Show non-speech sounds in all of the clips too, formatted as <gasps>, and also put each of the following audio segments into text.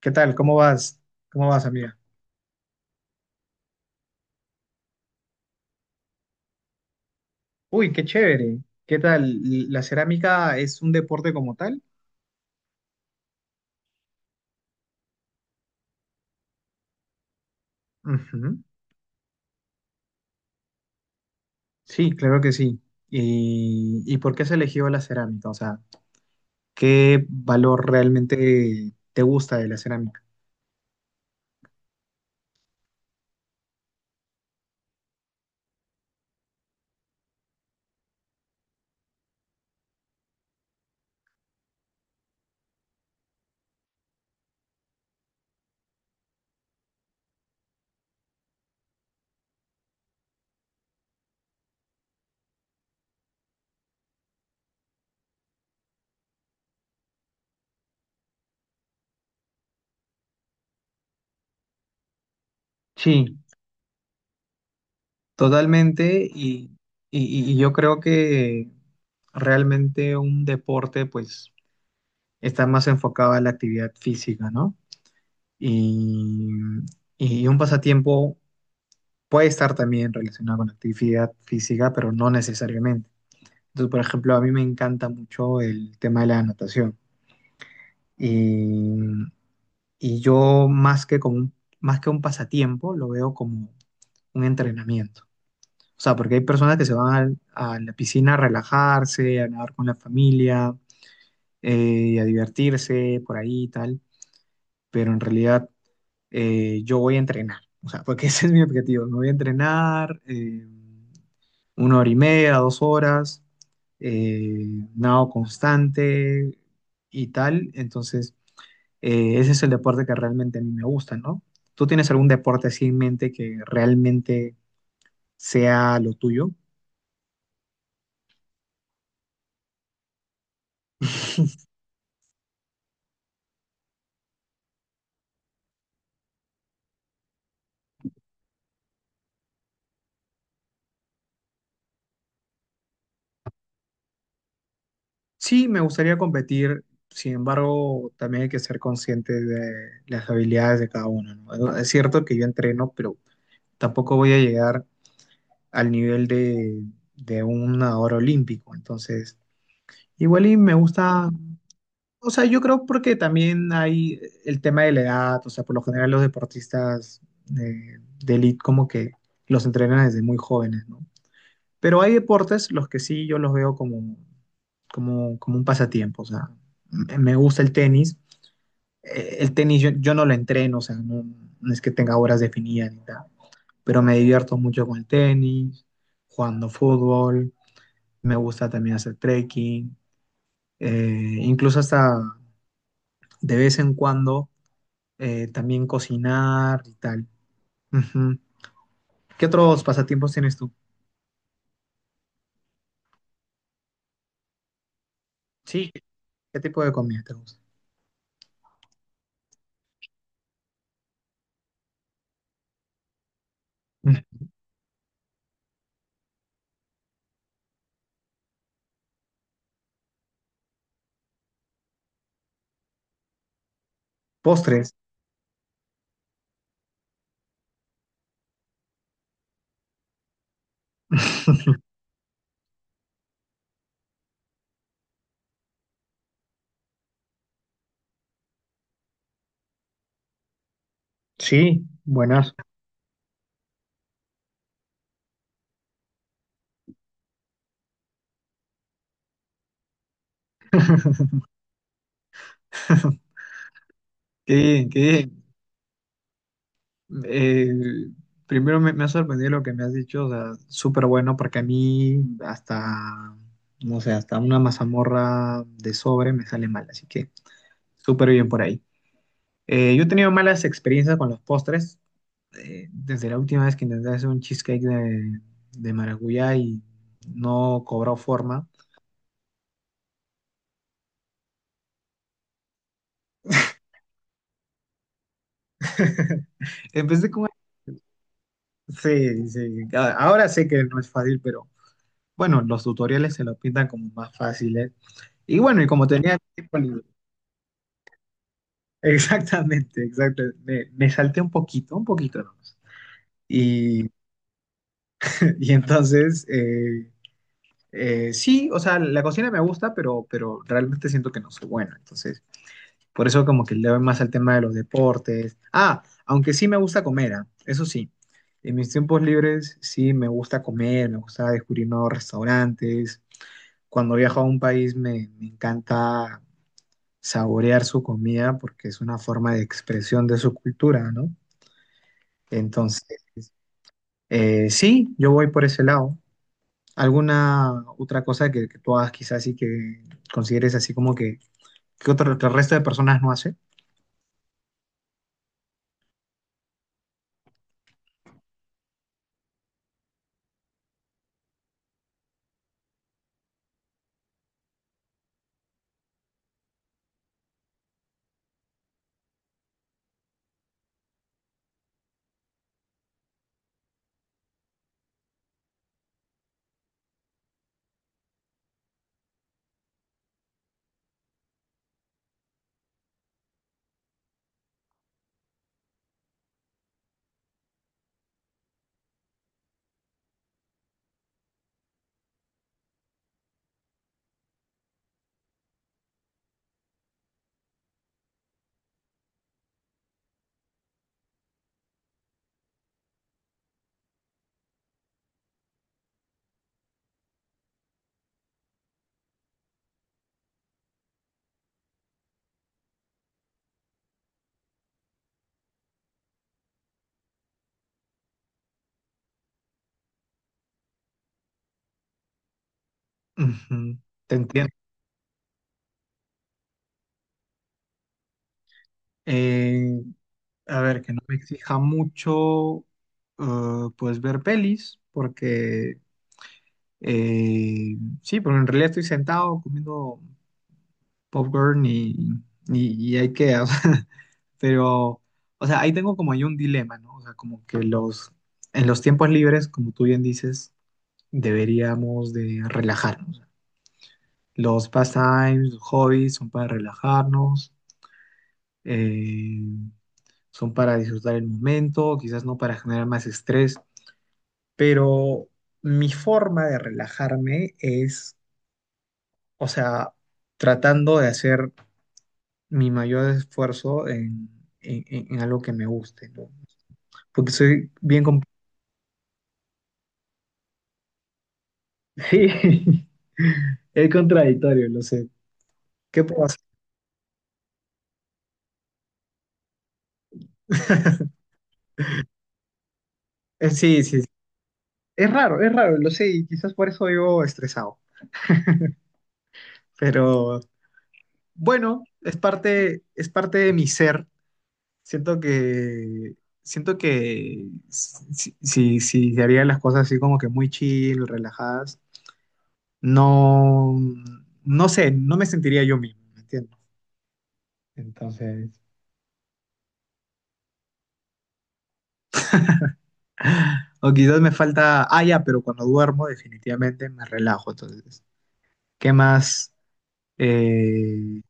¿Qué tal? ¿Cómo vas? ¿Cómo vas, amiga? Uy, qué chévere. ¿Qué tal? ¿La cerámica es un deporte como tal? Ujú. Sí, claro que sí. ¿Y por qué has elegido la cerámica? O sea, ¿qué valor realmente te gusta de la cerámica? Sí, totalmente. Y yo creo que realmente un deporte, pues, está más enfocado a la actividad física, ¿no? Y, y un pasatiempo. Puede estar también relacionado con actividad física, pero no necesariamente. Entonces, por ejemplo, a mí me encanta mucho el tema de la natación. Y, y yo más que como más que un pasatiempo, lo veo como un entrenamiento. O sea, porque hay personas que se van a la piscina a relajarse, a nadar con la familia, a divertirse por ahí y tal, pero en realidad yo voy a entrenar. O sea, porque <laughs> ese es mi objetivo. Me voy a entrenar una hora y media, dos horas, eh, nado constante y tal. Entonces, ese es el deporte que realmente a mí me gusta, ¿no? ¿Tú tienes algún deporte así en mente que realmente sea lo tuyo? Sí, me gustaría competir. Sin embargo, también hay que ser consciente de las habilidades de cada uno, ¿no? Es cierto que yo entreno, pero tampoco voy a llegar al nivel de un nadador olímpico. Entonces, igual y me gusta, o sea, yo creo porque también hay el tema de la edad, o sea, por lo general los deportistas eh, de elite como que los entrenan desde muy jóvenes, ¿no? Pero hay deportes los que sí yo los veo como, como, como un pasatiempo, o sea, me gusta el tenis. El tenis yo no lo entreno, o sea, no, no es que tenga horas definidas ni nada, pero me divierto mucho con el tenis, jugando fútbol, me gusta también hacer trekking, incluso hasta de vez en cuando también cocinar y tal. Ujú. ¿Qué otros pasatiempos tienes tú? Sí, ¿qué tipo de comida te gusta? Mm, postres. <laughs> Sí, buenas. <laughs> Qué bien, qué bien. Primero me ha sorprendido lo que me has dicho, o sea, súper bueno, porque a mí hasta, no sé, hasta una mazamorra de sobre me sale mal, así que súper bien por ahí. Yo he tenido malas experiencias con los postres. Desde la última vez que intenté hacer un cheesecake de maracuyá y no cobró forma. <laughs> Empecé con... Sí, sí. Ahora sé que no es fácil, pero bueno, los tutoriales se lo pintan como más fáciles. Y bueno, y como tenía tiempo libre. <laughs> Exactamente, exacto. Me salté un poquito nomás. Y, <laughs> y entonces, sí, o sea, la cocina me gusta, pero realmente siento que no soy bueno. Entonces... Por eso como que le doy más al tema de los deportes. Ah, aunque sí me gusta comer, ah, eso sí. En mis tiempos libres sí me gusta comer, me gusta descubrir nuevos restaurantes. Cuando viajo a un país me encanta saborear su comida porque es una forma de expresión de su cultura, ¿no? Entonces, sí, yo voy por ese lado. ¿Alguna otra cosa que tú hagas quizás y que consideres así como que otro, que el resto de personas no hace? Ujú. Te entiendo. Eh, a ver, que no me exija mucho, pues ver pelis, porque eh, sí, pero en realidad estoy sentado comiendo popcorn y, y IKEA, <laughs> o sea, pero, o sea, ahí tengo como ahí un dilema, ¿no? O sea, como que en los tiempos libres, como tú bien dices, deberíamos de relajarnos. Los pastimes, los hobbies son para relajarnos. eh, Son para disfrutar el momento, quizás no para generar más estrés, pero mi forma de relajarme es, o sea, tratando de hacer mi mayor esfuerzo en algo que me guste, ¿no? Porque soy bien. <laughs> Sí, es contradictorio, lo sé. ¿Qué puedo hacer? <laughs> Sí, sí, sí. Es raro, lo sé, y quizás por eso vivo estresado, pero bueno, es parte de mi ser. Siento que, siento que si se harían las cosas así como que muy chill, relajadas, no, no sé, no me sentiría yo mismo, ¿me entiendes? Entonces, <gasps> o quizás me falta, ah, ya, pero cuando duermo definitivamente me relajo, entonces, ¿qué más? Eh,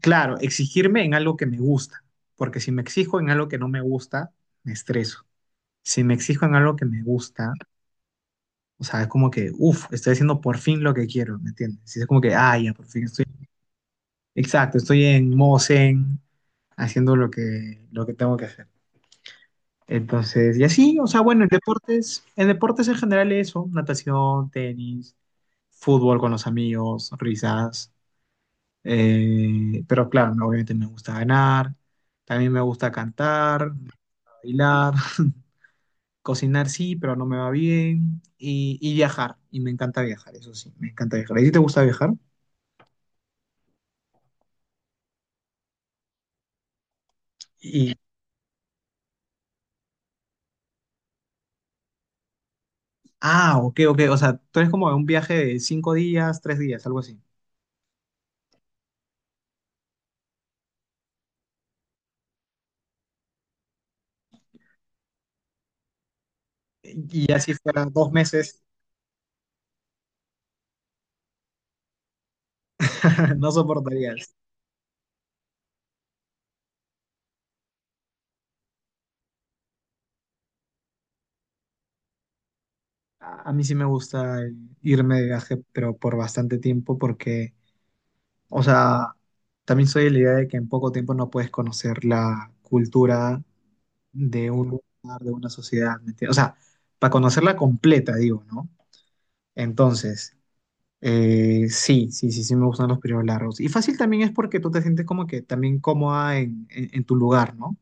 claro, exigirme en algo que me gusta, porque si me exijo en algo que no me gusta, me estreso. Si me exijo en algo que me gusta, o sea, es como que, uff, estoy haciendo por fin lo que quiero, ¿me entiendes? Y es como que, ah, ya, por fin estoy, exacto, estoy en modo zen, haciendo lo que tengo que hacer. Entonces, y así, o sea, bueno, en deportes, en deportes en general eso, natación, tenis, fútbol con los amigos, risas, pero claro, no, obviamente me gusta ganar, también me gusta cantar, bailar, <laughs> cocinar sí, pero no me va bien, y viajar, y me encanta viajar, eso sí, me encanta viajar. ¿A ti te gusta viajar? Y, ah, ok, ok, o sea, tú eres como de un viaje de cinco días, tres días, algo así. Y así fuera dos meses, <laughs> no soportarías. A mí sí me gusta irme de viaje, pero por bastante tiempo, porque, o sea, también soy de la idea de que en poco tiempo no puedes conocer la cultura de un lugar, de una sociedad, ¿me entiendes? O sea, para conocerla completa, digo, ¿no? Entonces. Sí, sí, sí, sí me gustan los periodos largos. Y fácil también es porque tú te sientes como que también cómoda en tu lugar, ¿no?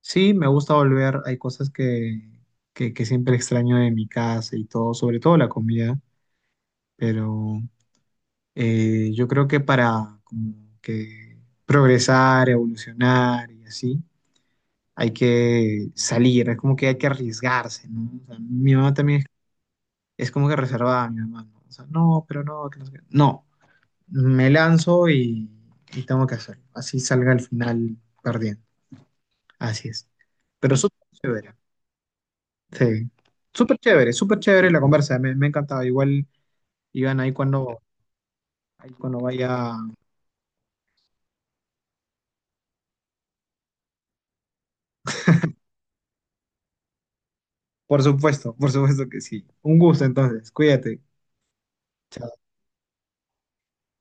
Sí, me gusta volver. Hay cosas que, que siempre extraño de mi casa y todo, sobre todo la comida, pero yo creo que para como que progresar, evolucionar y así, hay que salir, es como que hay que arriesgarse, ¿no? O sea, mi mamá también es como que reservada, mi mamá, ¿no? O sea, no, pero no, que no sé qué. No. Me lanzo y tengo que hacerlo. Así salga al final perdiendo. Así es. Pero súper chévere. Sí. Súper chévere la conversa. Me ha encantado. Igual, Iván, ahí cuando vaya. Por supuesto que sí. Un gusto entonces. Cuídate. Chao.